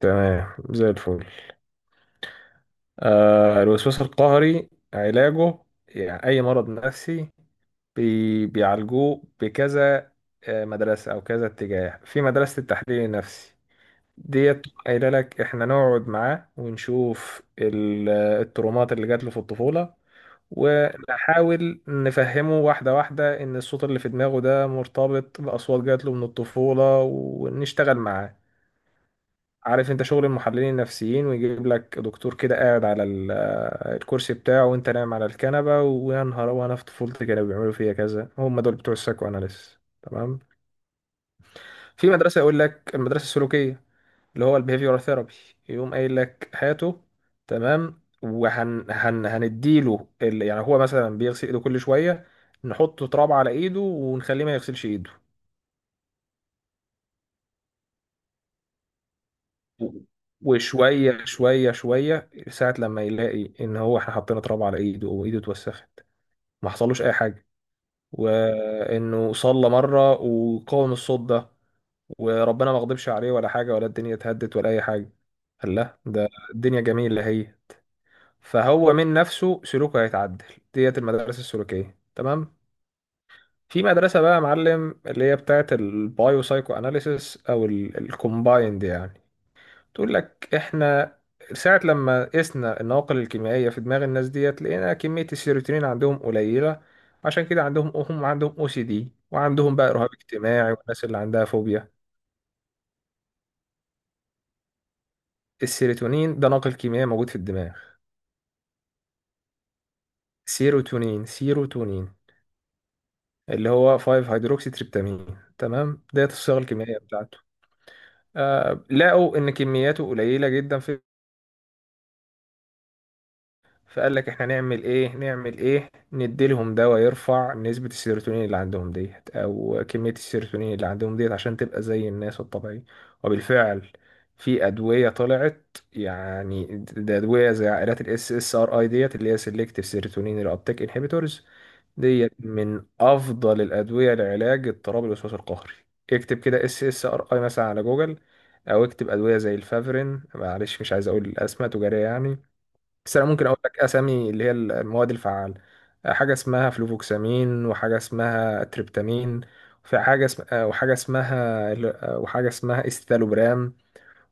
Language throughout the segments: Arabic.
تمام، زي الفل. آه، الوسواس القهري علاجه، يعني أي مرض نفسي بيعالجوه بكذا مدرسة أو كذا اتجاه. في مدرسة التحليل النفسي ديت قايلة لك إحنا نقعد معاه ونشوف الترومات اللي جات له في الطفولة، ونحاول نفهمه واحدة واحدة إن الصوت اللي في دماغه ده مرتبط بأصوات جات له من الطفولة، ونشتغل معاه. عارف انت شغل المحللين النفسيين، ويجيب لك دكتور كده قاعد على الكرسي بتاعه وانت نايم على الكنبة، ويا نهار وانا في طفولتي كانوا بيعملوا فيا كذا. هم دول بتوع السايكو اناليس، تمام. في مدرسة يقول لك المدرسة السلوكية اللي هو البيهيفيورال ثيرابي، يقوم قايل لك هاته، تمام، وهن هن هنديله يعني هو مثلا بيغسل ايده كل شوية، نحط تراب على ايده ونخليه ما يغسلش ايده. وشوية شوية شوية ساعة لما يلاقي إن هو إحنا حطينا تراب على إيده وإيده اتوسخت، ما حصلوش أي حاجة. وإنه صلى مرة وقاوم الصوت ده، وربنا ما غضبش عليه ولا حاجة، ولا الدنيا اتهدت ولا أي حاجة، قال لا، ده الدنيا جميلة هي. فهو من نفسه سلوكه هيتعدل. ديت المدارس السلوكية، تمام. في مدرسة بقى يا معلم اللي هي بتاعت البايو سايكو أناليسيس أو الكومبايند، يعني تقول لك احنا ساعة لما قسنا النواقل الكيميائية في دماغ الناس ديت، لقينا كمية السيروتونين عندهم قليلة، عشان كده عندهم، هم عندهم او سي دي، وعندهم بقى رهاب اجتماعي، والناس اللي عندها فوبيا. السيروتونين ده ناقل كيميائي موجود في الدماغ. سيروتونين اللي هو 5 هيدروكسي تريبتامين، تمام، ديت الصيغة الكيميائية بتاعته. آه، لقوا ان كمياته قليلة جدا في، فقال لك احنا نعمل ايه، نديلهم دواء يرفع نسبة السيروتونين اللي عندهم ديت، او كمية السيروتونين اللي عندهم ديت، عشان تبقى زي الناس الطبيعي. وبالفعل في ادوية طلعت، يعني ده ادوية زي عائلات الاس اس ار اي ديت، اللي هي سيلكتيف سيروتونين الابتيك انهبيتورز. ديت من افضل الادوية لعلاج اضطراب الوسواس القهري. اكتب كده اس اس ار اي مثلا على جوجل، او اكتب ادوية زي الفافرين، معلش مش عايز اقول الاسماء تجارية يعني. بس انا ممكن اقول لك اسامي اللي هي المواد الفعاله. حاجه اسمها فلوفوكسامين، وحاجه اسمها تريبتامين، في حاجه اسم... آه، وحاجه اسمها، وحاجه اسمها استالوبرام،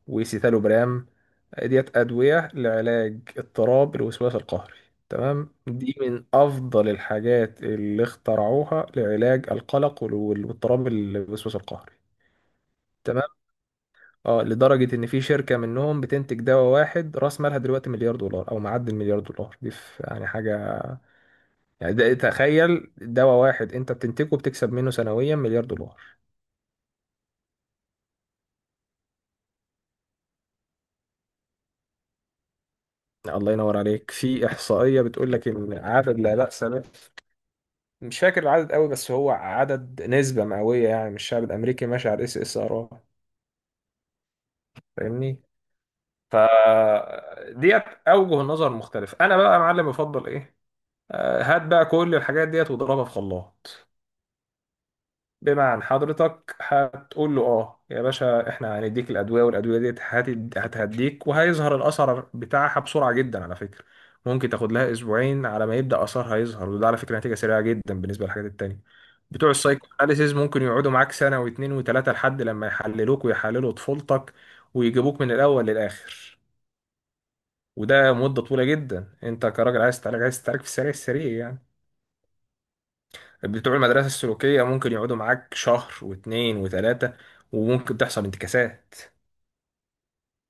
وسيتالوبرام. ديت ادويه لعلاج اضطراب الوسواس القهري، تمام. دي من افضل الحاجات اللي اخترعوها لعلاج القلق واضطراب الوسواس القهري، تمام. اه، لدرجة ان في شركة منهم بتنتج دواء واحد، راس مالها دلوقتي مليار دولار او معدي المليار دولار، دي يعني حاجة، يعني ده تخيل دواء واحد انت بتنتجه بتكسب منه سنويا مليار دولار. الله ينور عليك، في احصائيه بتقول لك ان عدد لا باس به، مش فاكر العدد قوي، بس هو عدد نسبه مئويه يعني من الشعب الامريكي ماشي على الاس اس ار، فاهمني. ف ديت اوجه النظر مختلف. انا بقى يا معلم بفضل ايه؟ هات بقى كل الحاجات ديت واضربها في خلاط. بمعنى حضرتك هتقول له اه يا باشا، احنا هنديك الادويه، والادويه دي هتهديك، وهيظهر الاثر بتاعها بسرعه جدا على فكره، ممكن تاخد لها اسبوعين على ما يبدا اثرها يظهر، وده على فكره نتيجه سريعه جدا بالنسبه للحاجات التانيه. بتوع السايكو اناليسيز ممكن يقعدوا معاك سنه واتنين وتلاته لحد لما يحللوك ويحللوا طفولتك ويجيبوك من الاول للاخر، وده مده طويله جدا. انت كراجل عايز تعالج، عايز تعالج في السريع السريع يعني. بتوع المدرسة السلوكية ممكن يقعدوا معاك شهر واتنين وتلاتة، وممكن تحصل انتكاسات.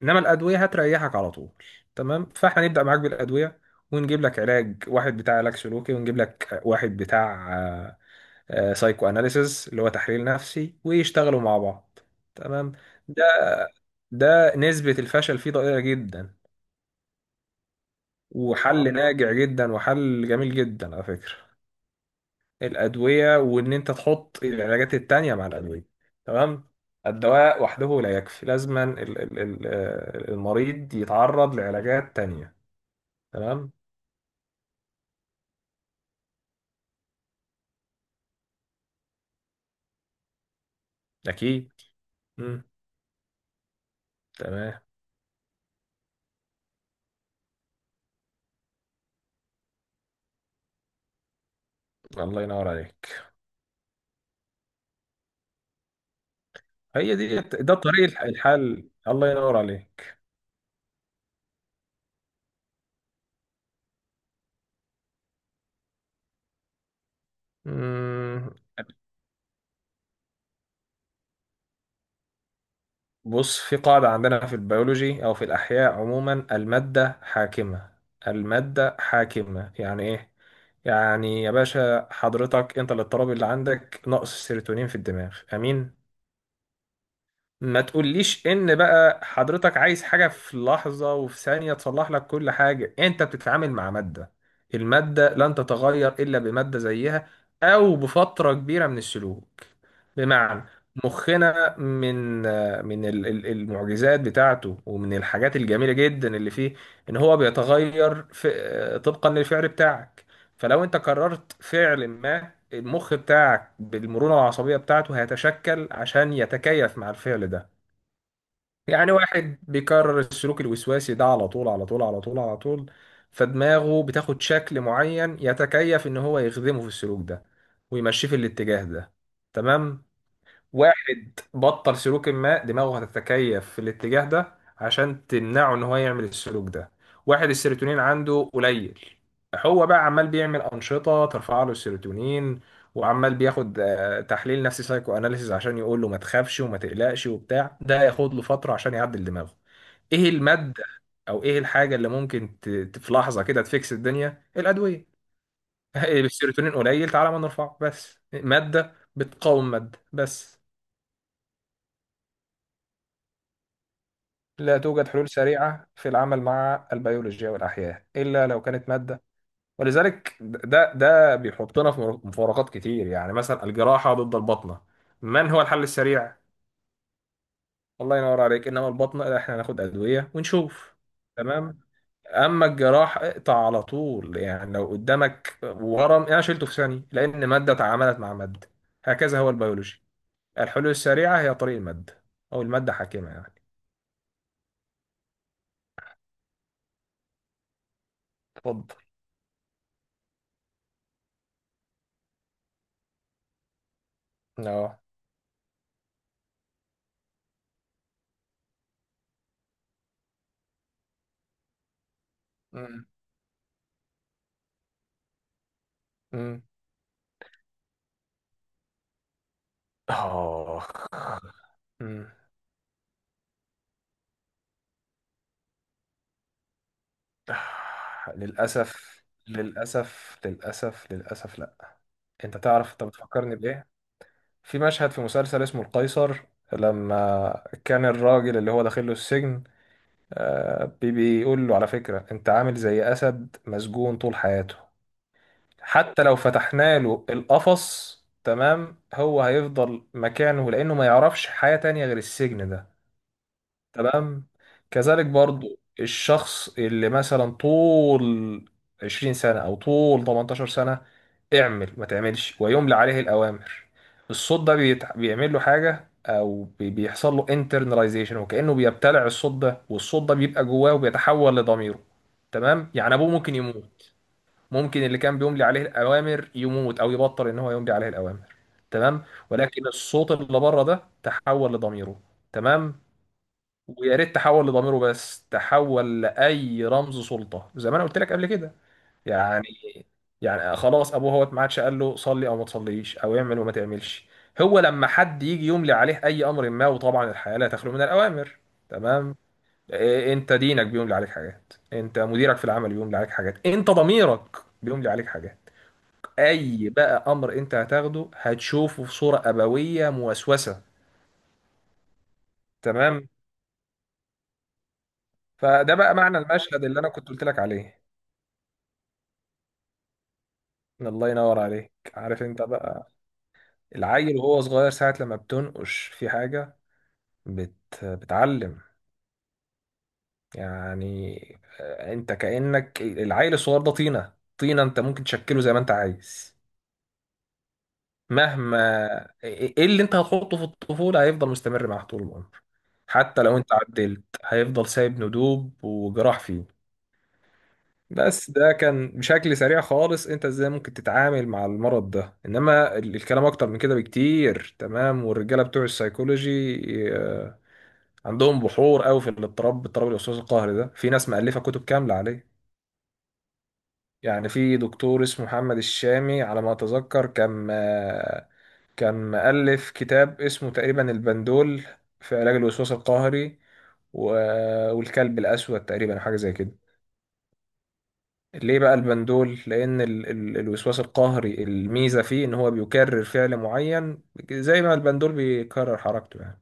إنما الأدوية هتريحك على طول. تمام، فإحنا نبدأ معاك بالأدوية، ونجيب لك علاج واحد بتاع علاج سلوكي، ونجيب لك واحد بتاع سايكو أناليسيس اللي هو تحليل نفسي، ويشتغلوا مع بعض، تمام. ده ده نسبة الفشل فيه ضئيلة جدا، وحل ناجع جدا، وحل جميل جدا على فكرة. الأدوية، وإن أنت تحط العلاجات التانية مع الأدوية، تمام. الدواء وحده لا يكفي، لازما المريض يتعرض لعلاجات تانية، تمام. أكيد. مم. تمام. الله ينور عليك، هي دي، ده طريق الحل، الله ينور عليك. مم. بص، في قاعدة عندنا في البيولوجي أو في الأحياء عموما: المادة حاكمة. المادة حاكمة يعني إيه؟ يعني يا باشا حضرتك أنت الاضطراب اللي عندك نقص السيروتونين في الدماغ، أمين؟ ما تقوليش ان بقى حضرتك عايز حاجة في لحظة وفي ثانية تصلح لك كل حاجة. انت بتتعامل مع مادة، المادة لن تتغير الا بمادة زيها، او بفترة كبيرة من السلوك. بمعنى، مخنا من المعجزات بتاعته ومن الحاجات الجميلة جدا اللي فيه، ان هو بيتغير في طبقا للفعل بتاعك. فلو انت قررت فعل ما، المخ بتاعك بالمرونة العصبية بتاعته هيتشكل عشان يتكيف مع الفعل ده. يعني واحد بيكرر السلوك الوسواسي ده على طول على طول على طول على طول، فدماغه بتاخد شكل معين يتكيف ان هو يخدمه في السلوك ده، ويمشيه في الاتجاه ده، تمام. واحد بطل سلوك ما، دماغه هتتكيف في الاتجاه ده عشان تمنعه ان هو يعمل السلوك ده. واحد السيروتونين عنده قليل، هو بقى عمال بيعمل أنشطة ترفع له السيروتونين، وعمال بياخد تحليل نفسي سايكو اناليسيز عشان يقول له ما تخافش وما تقلقش وبتاع، ده هياخد له فترة عشان يعدل دماغه. ايه المادة او ايه الحاجة اللي ممكن في لحظة كده تفكس الدنيا؟ الأدوية. السيروتونين قليل، تعالى ما نرفعه، بس مادة بتقاوم مادة، بس. لا توجد حلول سريعة في العمل مع البيولوجيا والأحياء إلا لو كانت مادة. ولذلك ده بيحطنا في مفارقات كتير. يعني مثلا الجراحة ضد البطنة، من هو الحل السريع؟ الله ينور عليك. إنما البطنة لا، إحنا هناخد أدوية ونشوف. تمام، أما الجراحة اقطع على طول، يعني لو قدامك ورم، يعني أنا شلته في ثانية لأن مادة تعاملت مع مادة. هكذا هو البيولوجي. الحلول السريعة هي طريق المادة، أو المادة حاكمة يعني. اتفضل. اه. مم. مم. آه. مم. آه، للأسف. للأسف للأسف للأسف لأ. أنت تعرف أنت بتفكرني بإيه؟ في مشهد في مسلسل اسمه القيصر، لما كان الراجل اللي هو داخل له السجن، بيقول له على فكرة: أنت عامل زي أسد مسجون طول حياته، حتى لو فتحنا له القفص، تمام، هو هيفضل مكانه لأنه ما يعرفش حياة تانية غير السجن ده، تمام. كذلك برضو الشخص اللي مثلا طول 20 سنة أو طول 18 سنة اعمل ما تعملش ويملى عليه الأوامر، الصوت ده بيعمل له حاجة، أو بيحصل له internalization، وكأنه بيبتلع الصوت ده، والصوت ده بيبقى جواه وبيتحول لضميره، تمام. يعني أبوه ممكن يموت، ممكن اللي كان بيملي عليه الأوامر يموت، أو يبطل إن هو يملي عليه الأوامر، تمام، ولكن الصوت اللي بره ده تحول لضميره، تمام. ويا ريت تحول لضميره بس، تحول لاي رمز سلطه زي ما انا قلت لك قبل كده. يعني، يعني خلاص، ابوه هو ما عادش قال له صلي او ما تصليش او اعمل وما تعملش، هو لما حد يجي يملي عليه اي امر ما، وطبعا الحياه لا تخلو من الاوامر، تمام. إيه، انت دينك بيملي عليك حاجات، انت مديرك في العمل بيملي عليك حاجات، انت ضميرك بيملي عليك حاجات. اي بقى امر انت هتاخده هتشوفه في صوره ابويه موسوسه. تمام. فده بقى معنى المشهد اللي انا كنت قلت لك عليه. الله ينور عليك. عارف انت بقى، العيل وهو صغير ساعة لما بتنقش في حاجة، بت... بتعلم، يعني آه، انت كأنك العيل الصغير ده طينة، طينة، انت ممكن تشكله زي ما انت عايز. مهما ايه إيه، إيه اللي انت هتحطه في الطفولة هيفضل مستمر معاك طول العمر، حتى لو انت عدلت هيفضل سايب ندوب وجراح فيه. بس ده كان بشكل سريع خالص، انت ازاي ممكن تتعامل مع المرض ده. انما الكلام اكتر من كده بكتير، تمام، والرجاله بتوع السيكولوجي آه، عندهم بحور قوي في الاضطراب، اضطراب الوسواس القهري ده، في ناس مؤلفه كتب كامله عليه. يعني في دكتور اسمه محمد الشامي على ما اتذكر، كان كان مؤلف كتاب اسمه تقريبا البندول في علاج الوسواس القهري، والكلب الاسود، تقريبا حاجه زي كده. ليه بقى البندول؟ لأن ال ال الوسواس القهري الميزة فيه إن هو بيكرر فعل معين، زي ما البندول بيكرر حركته يعني.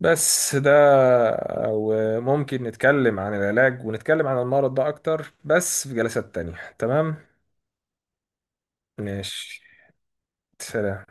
بس ده، وممكن نتكلم عن العلاج ونتكلم عن المرض ده أكتر بس في جلسات تانية، تمام؟ ماشي، سلام.